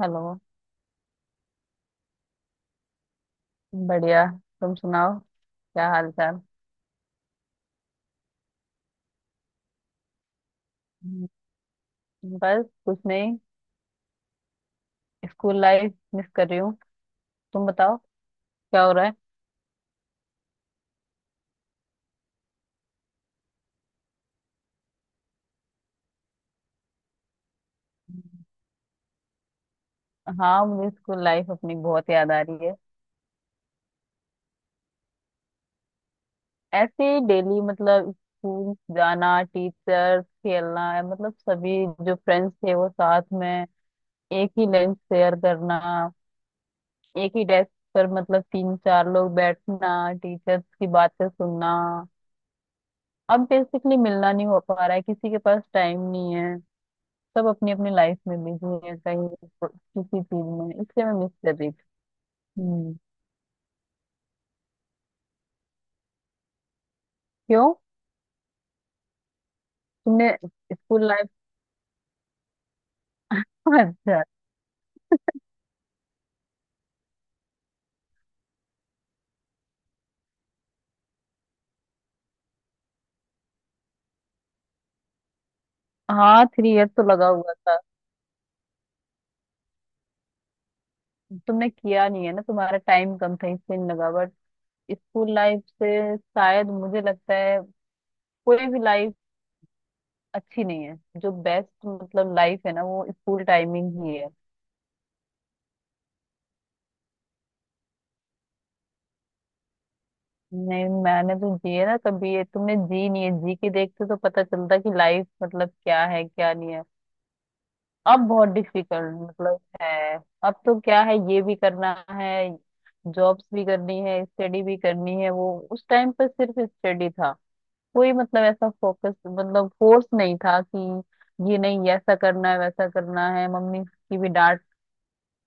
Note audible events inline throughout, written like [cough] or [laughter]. Hello. बढ़िया। तुम सुनाओ, क्या हाल चाल। हम्म, बस कुछ नहीं, स्कूल लाइफ मिस कर रही हूँ। तुम बताओ क्या हो रहा है। हाँ, मुझे स्कूल लाइफ अपनी बहुत याद आ रही है। ऐसे ही डेली मतलब स्कूल जाना, टीचर, खेलना, मतलब सभी जो फ्रेंड्स थे वो साथ में, एक ही लंच शेयर करना, एक ही डेस्क पर मतलब तीन चार लोग बैठना, टीचर्स की बातें सुनना। अब बेसिकली मिलना नहीं हो पा रहा है, किसी के पास टाइम नहीं है। सब अपनी अपनी लाइफ में बिजी है कहीं किसी चीज में, इसलिए मैं मिस कर रही थी। हम्म। क्यों। तुमने स्कूल लाइफ। [laughs] अच्छा। हाँ 3 इयर तो लगा हुआ था। तुमने किया नहीं है ना, तुम्हारा टाइम कम था इसलिए नहीं लगा, बट स्कूल लाइफ से शायद मुझे लगता है कोई भी लाइफ अच्छी नहीं है। जो बेस्ट मतलब लाइफ है ना वो स्कूल टाइमिंग ही है। नहीं मैंने तो जी है ना, कभी ये तुमने जी नहीं है, जी के देखते तो पता चलता कि लाइफ मतलब क्या है, क्या नहीं है। अब बहुत डिफिकल्ट मतलब है। अब तो क्या है, ये भी करना है, जॉब्स भी करनी है, स्टडी भी करनी है, वो उस टाइम पर सिर्फ स्टडी था, कोई मतलब ऐसा फोकस मतलब फोर्स नहीं था कि ये नहीं ये ऐसा करना है वैसा करना है। मम्मी की भी डांट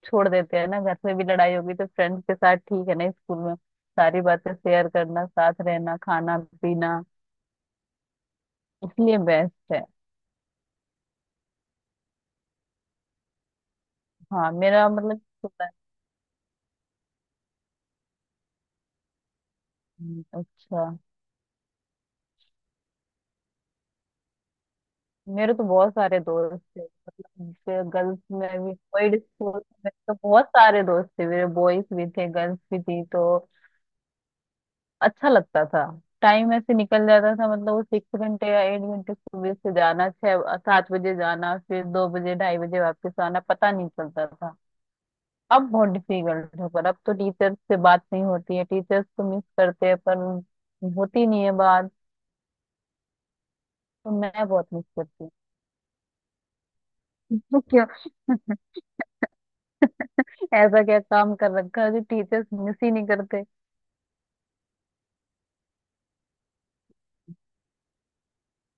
छोड़ देते हैं ना, घर में भी लड़ाई होगी तो फ्रेंड्स के साथ ठीक है ना, स्कूल में सारी बातें शेयर करना, साथ रहना, खाना पीना, इसलिए बेस्ट है। हाँ मेरा मतलब छोटा- अच्छा। मेरे तो बहुत सारे दोस्त थे, मतलब गर्ल्स में भी, बॉयज स्कूल में तो बहुत सारे दोस्त थे मेरे, बॉयज भी थे गर्ल्स भी थी, तो अच्छा लगता था। टाइम ऐसे निकल जाता था, मतलब वो 6 घंटे या 8 घंटे, सुबह से जाना छह सात बजे जाना, फिर 2 बजे 2:30 बजे वापस आना, पता नहीं चलता था। अब बहुत डिफिकल्ट है, पर अब तो टीचर्स से बात नहीं होती है, टीचर्स तो मिस करते हैं पर होती नहीं है बात, तो मैं बहुत मिस करती हूँ। [laughs] ऐसा क्या काम कर रखा है जो टीचर्स मिस ही नहीं करते।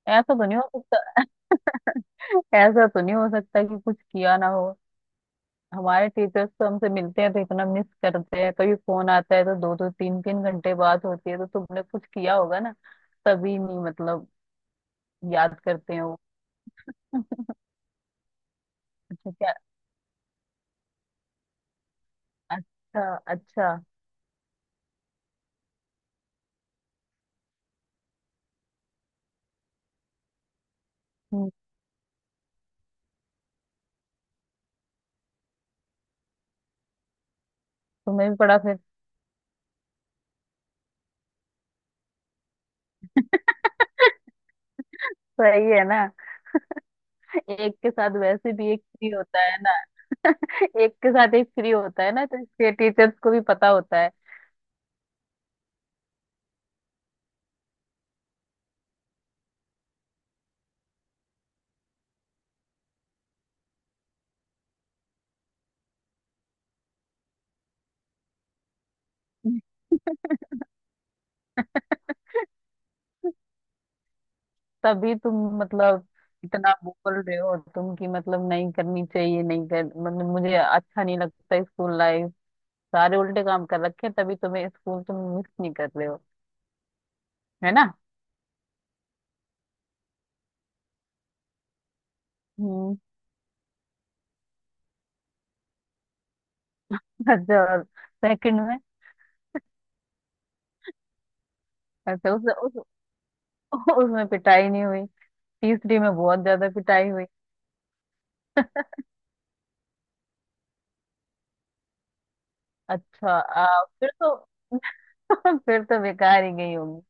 ऐसा तो नहीं हो सकता। [laughs] ऐसा तो नहीं हो सकता कि कुछ किया ना हो। हमारे टीचर्स तो हमसे मिलते हैं तो इतना मिस करते हैं, कभी फोन आता है तो दो दो तीन तीन घंटे बात होती है, तो तुमने कुछ किया होगा ना तभी, नहीं मतलब। याद करते हैं वो। अच्छा क्या। अच्छा अच्छा। हम्म, तुम्हें भी पढ़ा फिर। सही है ना, एक के साथ वैसे भी एक फ्री होता है ना। [laughs] एक के साथ एक फ्री होता है ना, तो इसके टीचर्स को भी पता होता है। [laughs] तभी तुम मतलब इतना बोल रहे हो तुम कि मतलब नहीं करनी चाहिए, नहीं कर मतलब मुझे अच्छा नहीं लगता स्कूल लाइफ, सारे उल्टे काम कर रखे हैं, तभी तुम्हें स्कूल तुम मिस नहीं कर रहे हो, है ना। हम्म। [laughs] अच्छा, और सेकंड में अच्छा उस उसमें पिटाई नहीं हुई, तीसरी में बहुत ज्यादा पिटाई हुई। अच्छा फिर तो [laughs] फिर तो बेकार ही गई होगी।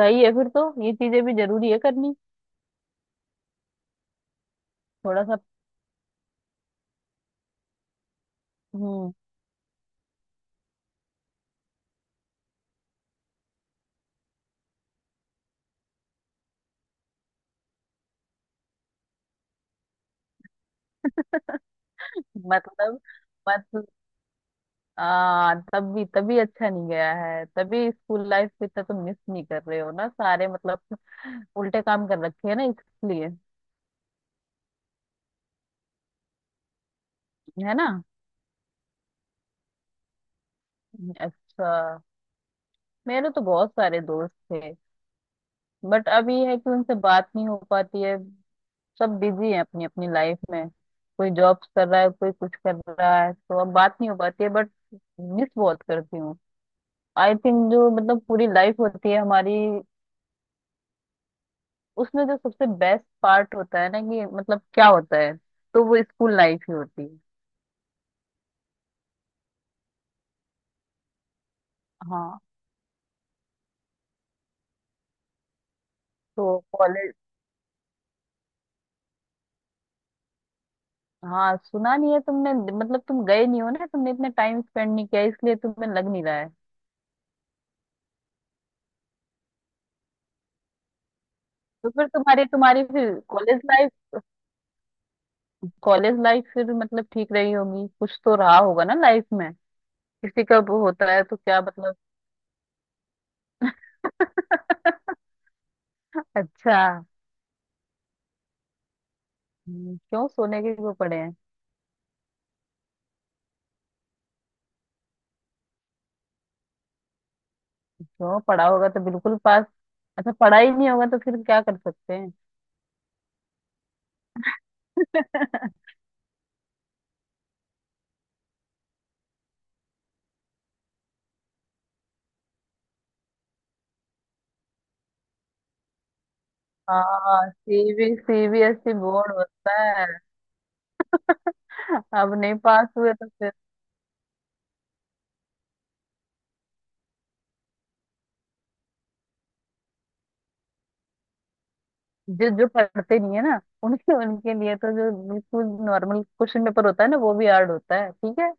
सही है, फिर तो ये चीजें भी जरूरी है करनी। थोड़ा सा। हम्म। [laughs] मतलब हाँ, तभी तभी अच्छा नहीं गया है, तभी स्कूल लाइफ को इतना तुम मिस नहीं कर रहे हो ना, सारे मतलब उल्टे काम कर रखे हैं ना, इसलिए। है ना। अच्छा। मेरे तो बहुत सारे दोस्त थे, बट अब ये है कि उनसे बात नहीं हो पाती है, सब बिजी हैं अपनी अपनी लाइफ में, कोई जॉब्स कर रहा है कोई कुछ कर रहा है, तो अब बात नहीं हो पाती है, बट मिस बहुत करती हूँ। आई थिंक जो मतलब पूरी लाइफ होती है हमारी, उसमें जो सबसे बेस्ट पार्ट होता है ना कि मतलब क्या होता है, तो वो स्कूल लाइफ ही होती है। हाँ। तो कॉलेज। हाँ सुना नहीं है तुमने, मतलब तुम गए नहीं हो ना, तुमने इतना टाइम स्पेंड नहीं किया इसलिए तुम्हें लग नहीं रहा है। तो फिर तुम्हारी तुम्हारी फिर कॉलेज लाइफ, कॉलेज लाइफ फिर मतलब ठीक रही होगी, कुछ तो रहा होगा ना लाइफ में, किसी का वो होता है तो क्या मतलब। [laughs] अच्छा। क्यों सोने के क्यों पड़े हैं। क्यों, पढ़ा होगा तो बिल्कुल पास। अच्छा पढ़ा ही नहीं होगा तो फिर क्या कर सकते हैं। हाँ सीबीएसई बोर्ड होता है। [laughs] अब नहीं पास हुए तो फिर। जो जो पढ़ते नहीं है ना, उनके उनके लिए तो जो बिल्कुल नॉर्मल क्वेश्चन पेपर होता है ना वो भी हार्ड होता है, ठीक है।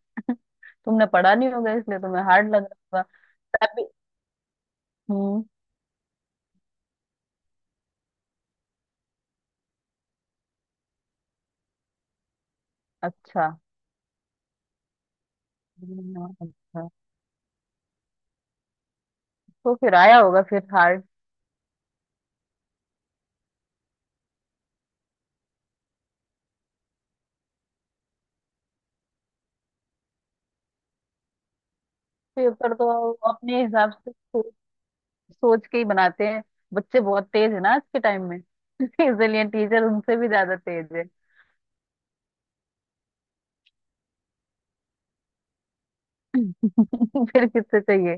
तुमने पढ़ा नहीं होगा इसलिए तुम्हें हार्ड लग रहा होगा। तभी। हम्म। अच्छा। अच्छा, तो फिर आया होगा फिर हार्ड पेपर, तो अपने हिसाब से सोच सोच के ही बनाते हैं। बच्चे बहुत तेज है ना आज के टाइम में। [laughs] इसलिए टीचर उनसे भी ज्यादा तेज है। [laughs] फिर किससे चाहिए।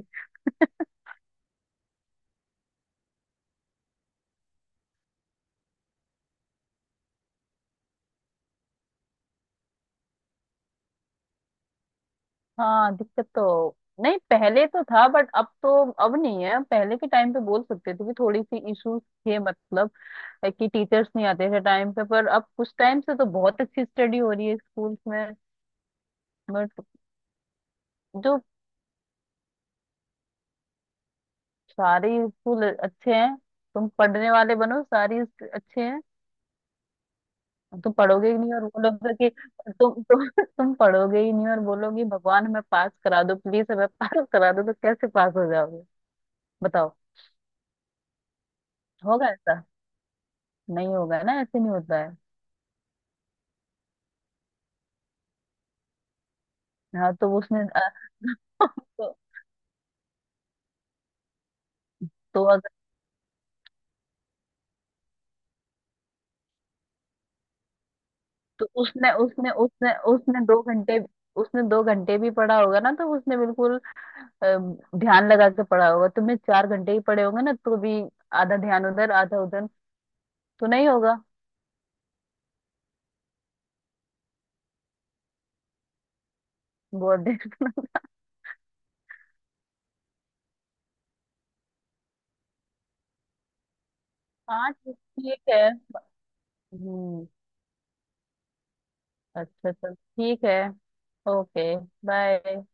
हाँ दिक्कत तो नहीं पहले तो था, बट अब तो अब नहीं है, पहले के टाइम पे बोल सकते थे कि थोड़ी सी इश्यूज थे, मतलब है कि टीचर्स नहीं आते थे टाइम पे, पर अब कुछ टाइम से तो बहुत अच्छी स्टडी हो रही है स्कूल्स में, बट जो सारे स्कूल अच्छे हैं, तुम पढ़ने वाले बनो सारे अच्छे हैं। तुम पढ़ोगे ही नहीं और बोलोगे कि तुम पढ़ोगे ही नहीं और बोलोगे भगवान हमें पास करा दो, प्लीज हमें पास करा दो, तो कैसे पास हो जाओगे बताओ। होगा ऐसा, नहीं होगा ना, ऐसे नहीं होता है। हाँ तो उसने [laughs] तो, तो अगर, तो उसने उसने उसने उसने 2 घंटे, उसने 2 घंटे भी पढ़ा होगा ना, तो उसने बिल्कुल ध्यान लगा के पढ़ा होगा, तुमने 4 घंटे ही पढ़े होंगे ना तो भी आधा ध्यान उधर आधा उधर, तो नहीं होगा। बहुत देर। [laughs] हाँ ठीक ठीक है। हम्म। अच्छा चल ठीक है। ओके। बाय।